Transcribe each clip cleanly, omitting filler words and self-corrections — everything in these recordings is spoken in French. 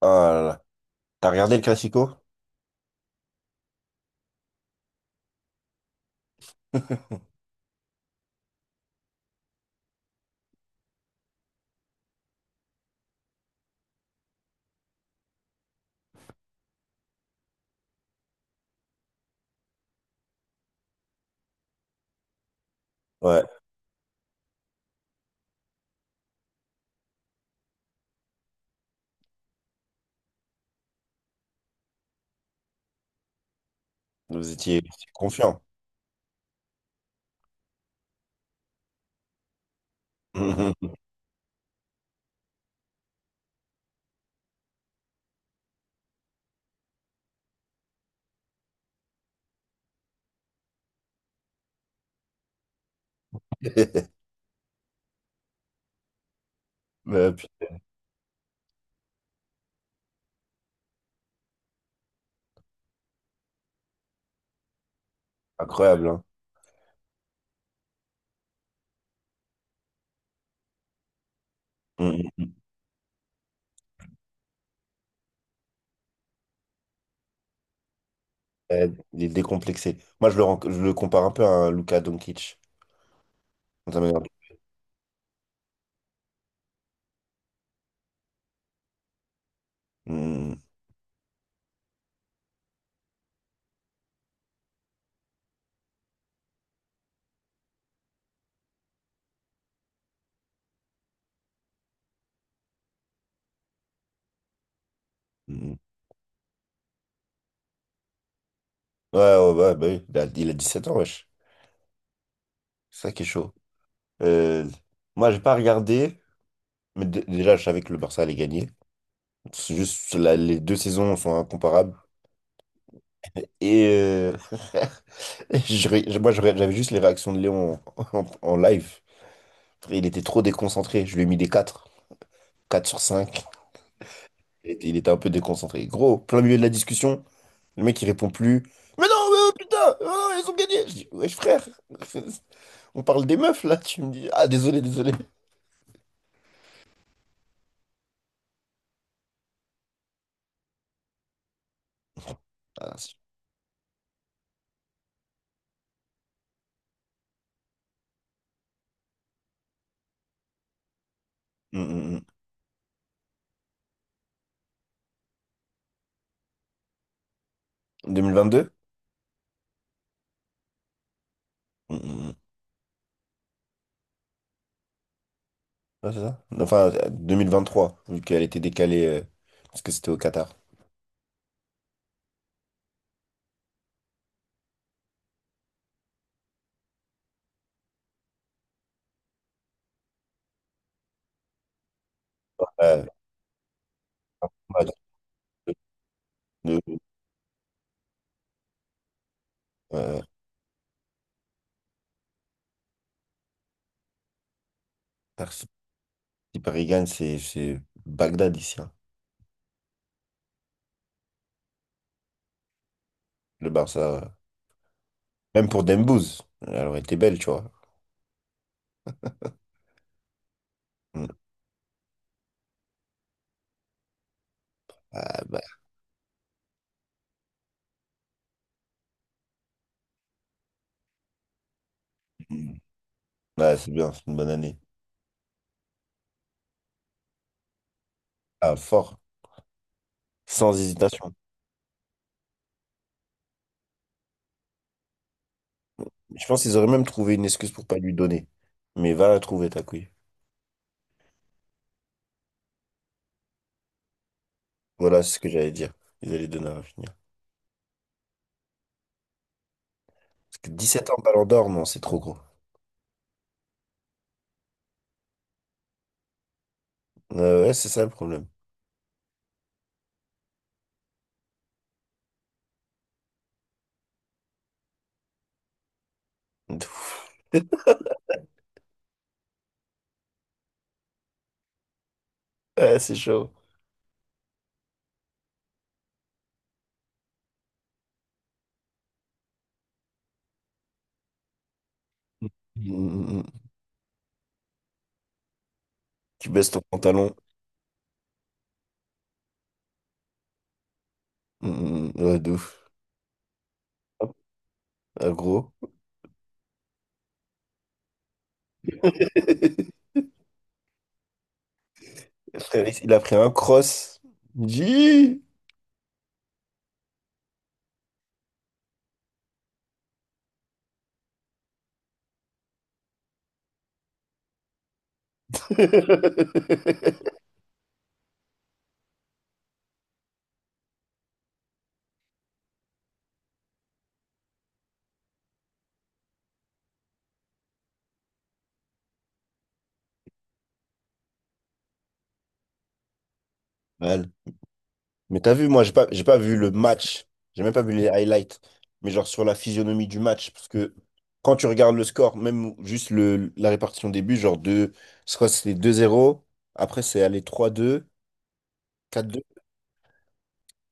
Ah là là. T'as regardé le Classico? Ouais, vous étiez confiant. Incroyable, hein. Mhm. Euh, Il est décomplexé. Moi, je le compare un peu à un Luka Doncic. Dans sa manière de- Mhm. Mhm. Ouais, ouais, ouais, bah oui, il a 17 ans, wesh. C'est ça qui est chaud. Euh, Moi, j'ai pas regardé, mais déjà, je savais que le Barça allait gagner. C'est juste, les deux saisons sont incomparables. Et euh, Et moi, j'avais juste les réactions de Léon en live. Il était trop déconcentré. Je lui ai mis des quatre, 4 sur cinq. Il était un peu déconcentré. Gros, plein milieu de la discussion, le mec, il répond plus. Mais non, mais oh, putain, oh non, ils ont gagné. Je dis, wesh, frère, on parle des meufs, là. Tu me dis, ah, désolé, désolé. Ah, si. Mm, mm, mm. 2022? Mm, mm, mm. Ouais, c'est ça. Enfin, 2023, vu qu'elle était décalée, parce que c'était au Qatar. Euh, ouais, de- de- euh, Si Paris gagne, c'est Bagdad ici, hein. Le Barça, même pour Dembouz, elle aurait été belle, tu vois. Mm. Ah, bah, mm. Ouais, c'est bien, c'est une bonne année. Ah, fort, sans hésitation. Je pense qu'ils auraient même trouvé une excuse pour pas lui donner. Mais va la trouver, ta couille. Voilà, c'est ce que j'allais dire. Ils allaient donner à finir. Parce que 17 ans, Ballon d'Or, non, c'est trop gros. Ouais, c'est ça le problème. Ouais, c'est chaud. Mm, mm, mm. Tu baisses ton pantalon. Mm, mm, mm. Ouais, de ouf. Hop, gros. Frère, il a pris un cross. Dis! Mal. Mais t'as vu, moi, j'ai pas vu le match. J'ai même pas vu les highlights. Mais genre sur la physionomie du match. Parce que quand tu regardes le score, même juste le, la répartition des buts, genre deux, je crois que c'était 2-0. Après, c'est allé 3-2 4-2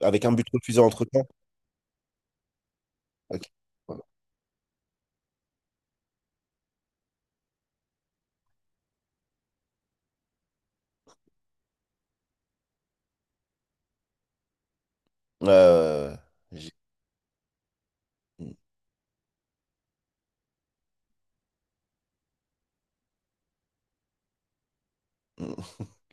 avec un but refusé entre-temps. Ok. Voilà. Euh, j'ai-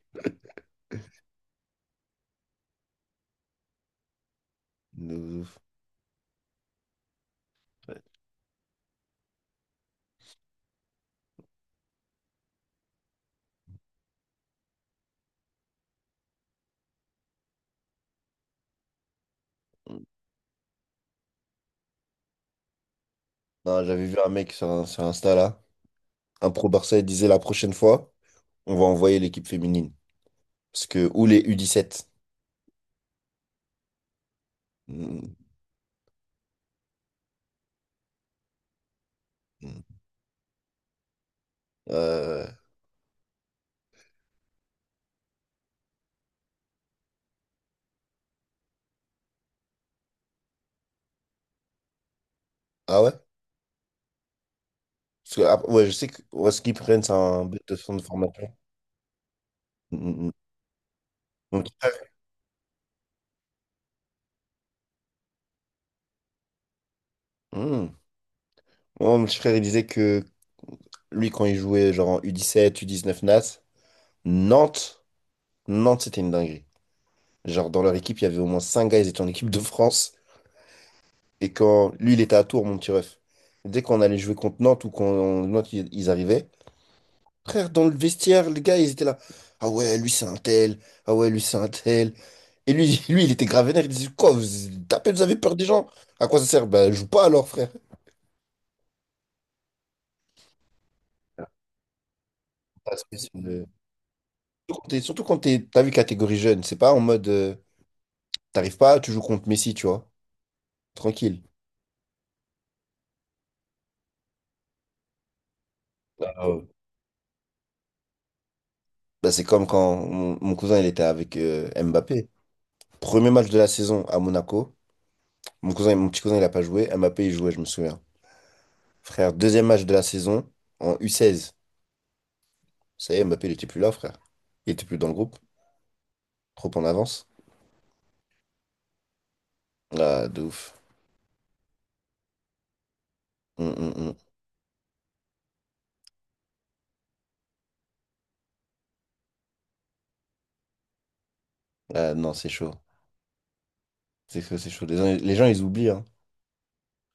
De ouf. Ouais. Non, j'avais vu un mec sur, sur Insta là. Un pro Barça, il disait la prochaine fois. On va envoyer l'équipe féminine. Parce que, ou les U17. Mm, mm. Euh, ah ouais? Parce que, ah, ouais, je sais que ouais ce qu'ils prennent, c'est un but de son de formation. Mm, mm, mm. Mon petit frère, mm. Moi, mon petit frère, il disait que lui, quand il jouait genre en U17, U19 NAS, Nantes, Nantes, c'était une dinguerie. Genre, dans leur équipe, il y avait au moins 5 gars, ils étaient en équipe de France. Et quand lui, il était à Tours, mon petit ref. Dès qu'on allait jouer contre Nantes ou quand Nantes, ils arrivaient. Frère, dans le vestiaire, les gars, ils étaient là. Ah ouais, lui, c'est un tel. Ah ouais, lui, c'est un tel. Et lui, lui, il était grave vénère. Il disait, quoi, vous tapez, vous avez peur des gens? À quoi ça sert? Bah, joue pas alors, frère. Parce que c'est le- Surtout quand t'es, t'as vu catégorie jeune, c'est pas en mode, t'arrives pas, tu joues contre Messi, tu vois. Tranquille. Ah ouais. Bah, c'est comme quand mon cousin, il était avec Mbappé. Premier match de la saison à Monaco. Mon cousin, mon petit cousin, il a pas joué. Mbappé, il jouait, je me souviens. Frère, deuxième match de la saison en U16. Ça y est, Mbappé, il était plus là, frère. Il était plus dans le groupe. Trop en avance. Ah, de ouf. Hum, hum, hum. Ah, non, c'est chaud. C'est chaud, c'est chaud. Les gens, ils oublient, hein.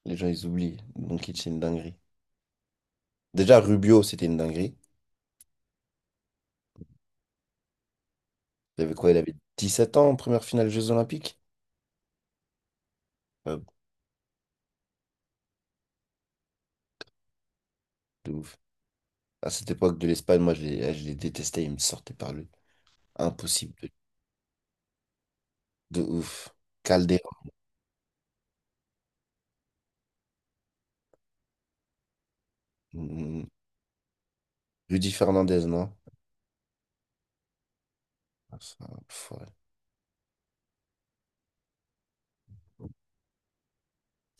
Les gens, ils oublient. Donc, c'est une dinguerie. Déjà, Rubio, c'était une dinguerie. Il avait quoi? Il avait 17 ans en première finale Jeux Olympiques. Ah, de ouf. À cette époque de l'Espagne, moi, je les, ah, je les détestais. Ils me sortaient par le... Impossible. De ouf. Calderon. Hum, hum. Rudy Fernandez, non? Ah, ça, pff, ouais.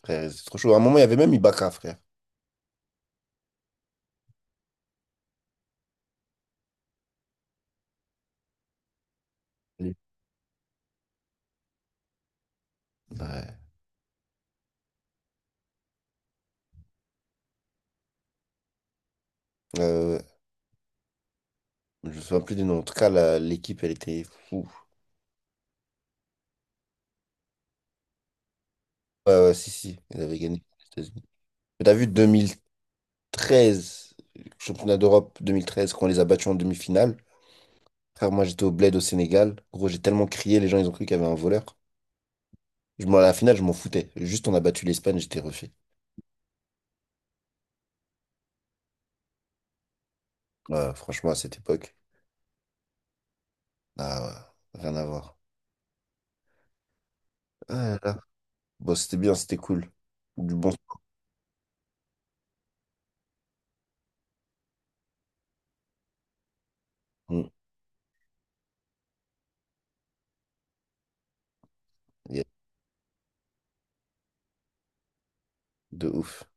Frère, c'est trop chaud. À un moment, il y avait même Ibaka, frère. Oui. Ouais. Euh, Je me souviens plus du nom. En tout cas, l'équipe, elle était fou. Ouais, ouais, si, si, elle avait gagné les États-Unis. Mais t'as vu 2013, championnat d'Europe 2013, quand on les a battus en demi-finale. Frère, moi, j'étais au Bled au Sénégal. Gros, j'ai tellement crié, les gens, ils ont cru qu'il y avait un voleur. Je, m'en, à la finale, je m'en foutais. Juste, on a battu l'Espagne, j'étais refait. Ouais, franchement, à cette époque, ah, ouais, rien à voir. Ah, là, là. Bon, c'était bien, c'était cool. Du bon. Mm, yeah, de ouf.